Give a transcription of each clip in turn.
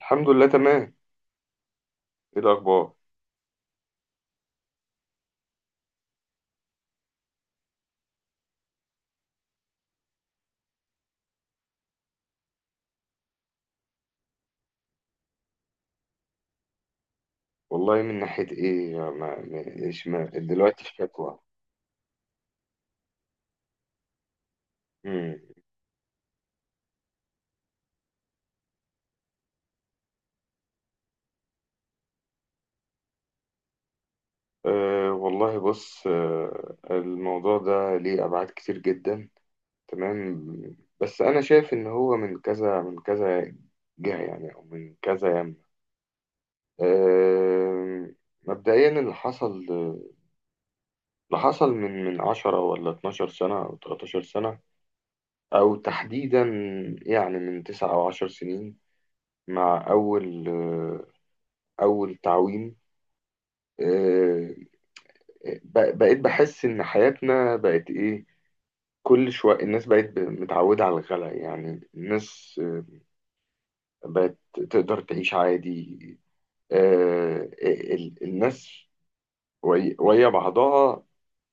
الحمد لله تمام. ايه الاخبار؟ والله من ناحيه ايه، ما مش ما دلوقتي في شكوى. امم أه والله، بص، أه الموضوع ده ليه ابعاد كتير جدا، تمام. بس انا شايف ان هو من كذا جهه، يعني او من كذا يمه. أه مبدئيا اللي حصل من 10 ولا 12 سنه او 13 سنه، او تحديدا يعني من 9 او 10 سنين، مع أول تعويم. آه، بقيت بحس إن حياتنا بقت إيه. كل شوية الناس متعودة على الغلا، يعني الناس بقت تقدر تعيش عادي. الناس ويا بعضها،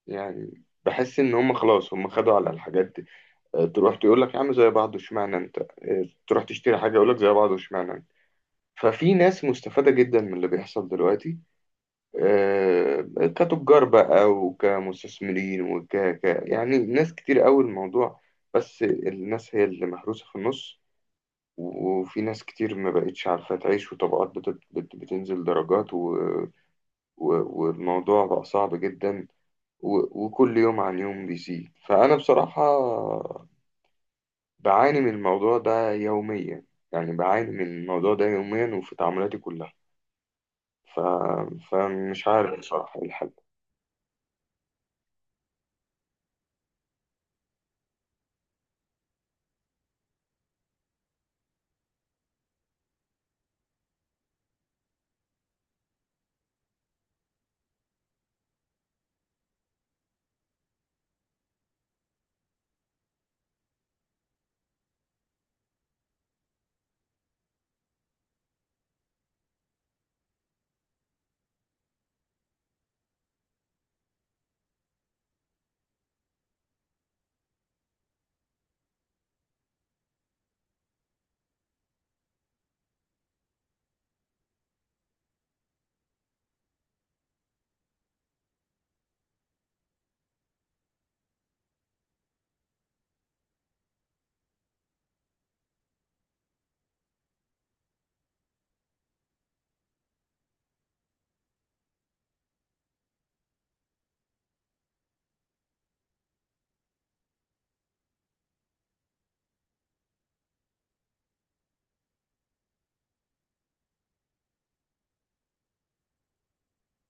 يعني بحس إن هم خلاص هم خدوا على الحاجات دي. تروح تقول لك يا عم زي بعض واشمعنى أنت، تروح تشتري حاجة يقول لك زي بعض واشمعنى أنت. ففي ناس مستفادة جدا من اللي بيحصل دلوقتي، آه، كتجار بقى وكمستثمرين يعني ناس كتير قوي الموضوع. بس الناس هي اللي محروسة في النص، وفي ناس كتير ما بقتش عارفة تعيش، وطبقات بتنزل درجات و... والموضوع بقى صعب جدا، وكل يوم عن يوم بيزيد. فأنا بصراحة بعاني من الموضوع ده يوميا، يعني بعاني من الموضوع ده يوميا وفي تعاملاتي كلها. ف... فمش عارف بصراحة إيه الحل.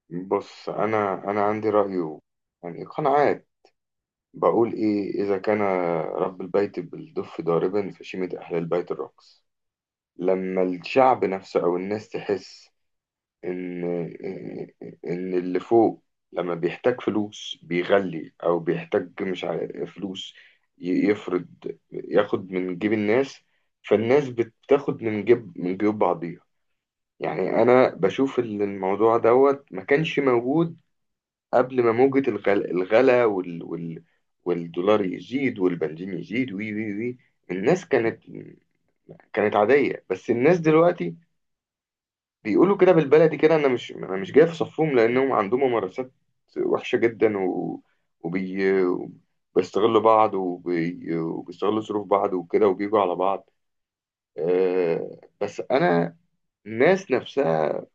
بص، انا عندي رأي، يعني قناعات. بقول ايه، اذا كان رب البيت بالدف ضاربا فشيمة اهل البيت الرقص. لما الشعب نفسه او الناس تحس ان اللي فوق لما بيحتاج فلوس بيغلي، او بيحتاج مش عارف فلوس، يفرض ياخد من جيب الناس، فالناس بتاخد من جيب من جيوب بعضيها. يعني انا بشوف ان الموضوع دوت ما كانش موجود قبل ما موجة الغلا, والدولار يزيد والبنزين يزيد وي وي وي الناس كانت كانت عادية، بس الناس دلوقتي بيقولوا كده بالبلدي كده. انا مش جاي في صفهم لانهم عندهم ممارسات وحشة جدا، وبي... وبيستغلوا بعض، وبيستغلوا ظروف بعض وكده، وبيجوا على بعض. بس انا الناس نفسها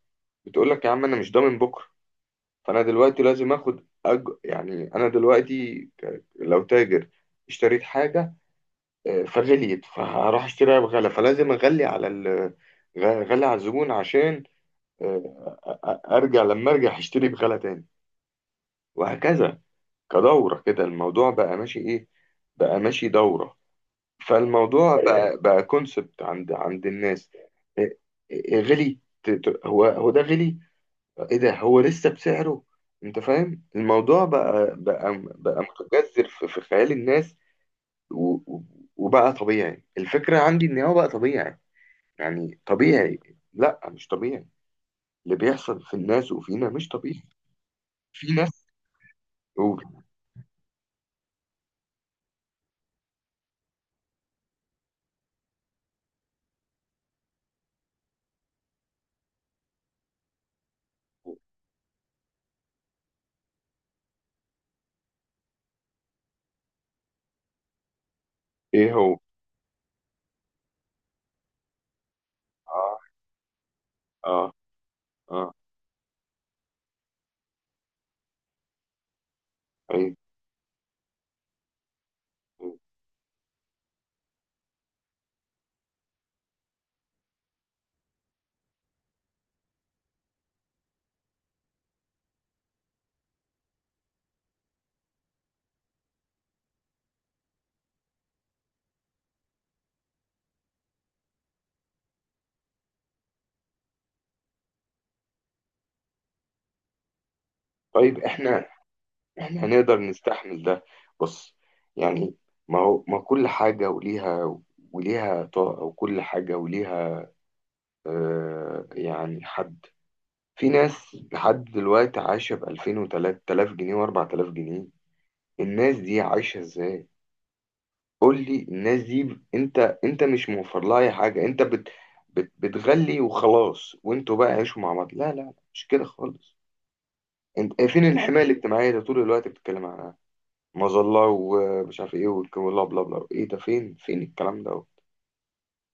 بتقول لك يا عم انا مش ضامن بكرة، فانا دلوقتي لازم اخد يعني انا دلوقتي لو تاجر اشتريت حاجه، فغليت، فهروح اشتريها بغلا، فلازم اغلي على غلي على الزبون، عشان آه، أ- ارجع لما ارجع اشتري بغلا تاني، وهكذا. كدوره كده، الموضوع بقى ماشي ايه، بقى ماشي دوره. فالموضوع بقى كونسبت عند الناس. آه، غلي هو ده غلي، ايه ده هو لسه بسعره. انت فاهم، الموضوع بقى متجذر في خيال الناس. و- و- وبقى طبيعي، الفكرة عندي ان هو بقى طبيعي، يعني طبيعي. لا مش طبيعي، اللي بيحصل في الناس وفينا مش طبيعي. في ناس. قول. ايه. هو اه. اه. اه. ايه. طيب احنا، احنا هنقدر نستحمل ده؟ بص، يعني ما هو ما كل حاجة وليها طاقة، وكل حاجة وليها. يعني حد، في ناس لحد دلوقتي عايشة ب 2000 و3000 جنيه و4000 جنيه، الناس دي عايشة ازاي؟ قول لي الناس دي انت مش موفر لها اي حاجة، انت بت بت بتغلي وخلاص، وانتوا بقى عيشوا مع بعض. لا، مش كده خالص. انت، فين الحماية الاجتماعية ده طول الوقت بتتكلم عنها، مظلة ومش عارف ايه، والكلام بلا بلا. ايه ده؟ فين فين الكلام ده؟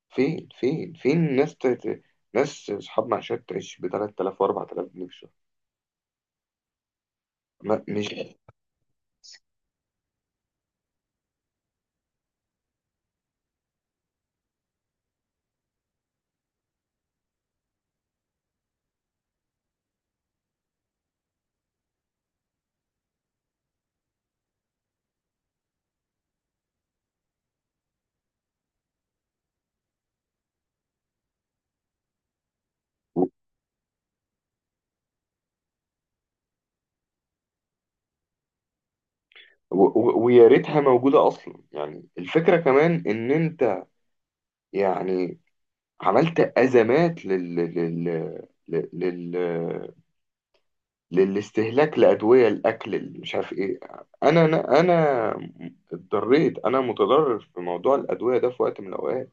فين فين ناس ناس اصحاب معاشات تعيش ب 3000 و 4000 جنيه، ما مش. ويا ريتها موجودة أصلا، يعني الفكرة كمان إن أنت يعني عملت أزمات لل لل لل لل للاستهلاك لأدوية الأكل اللي مش عارف إيه. أنا اتضريت، أنا متضرر في موضوع الأدوية ده في وقت من الأوقات،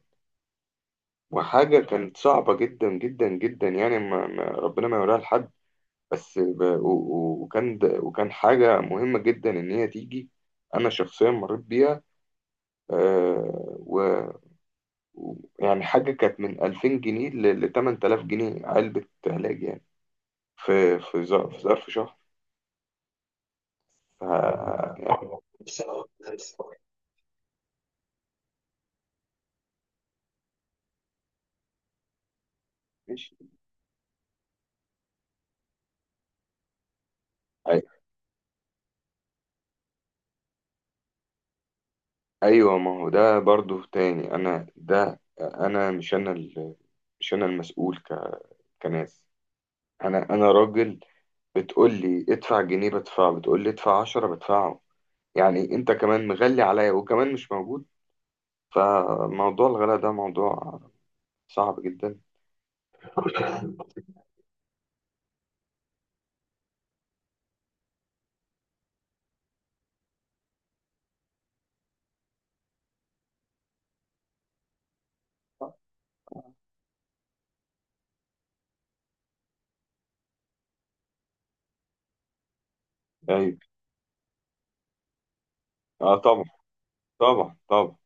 وحاجة كانت صعبة جدا جدا جدا، يعني ما ربنا ما يوريها لحد. بس وكان حاجة مهمة جدا إن هي تيجي، أنا شخصيا مريت بيها. آه، و يعني حاجة كانت من 2000 جنيه ل 8000 جنيه علبة علاج، يعني في في ظرف شهر. ف- يعني ماشي. أي- ايوه، ما هو ده برضو تاني. انا مش انا المسؤول كناس، انا راجل. بتقول لي ادفع جنيه بدفعه، بتقول لي ادفع عشرة بدفعه، يعني انت كمان مغلي عليا وكمان مش موجود. فموضوع الغلاء ده موضوع صعب جدا. ايوه، اه، طبعا طبعا.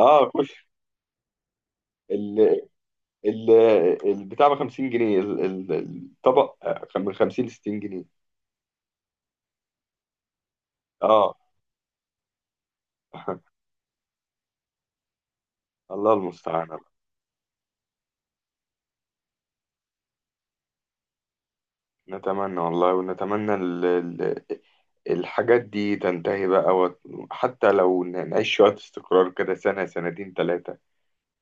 اه، خش ال ال البتاع ب 50 جنيه، الطبق من 50 ل 60 جنيه. اه. الله المستعان بقى. نتمنى والله، ونتمنى ال الحاجات دي تنتهي بقى حتى لو نعيش شوية استقرار كده، سنة سنتين ثلاثة،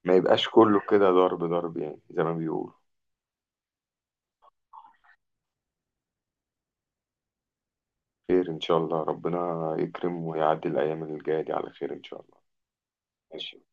ما يبقاش كله كده ضرب ضرب، يعني زي ما بيقولوا. خير إن شاء الله، ربنا يكرم ويعدي الأيام اللي جاية دي على خير إن شاء الله. ماشي.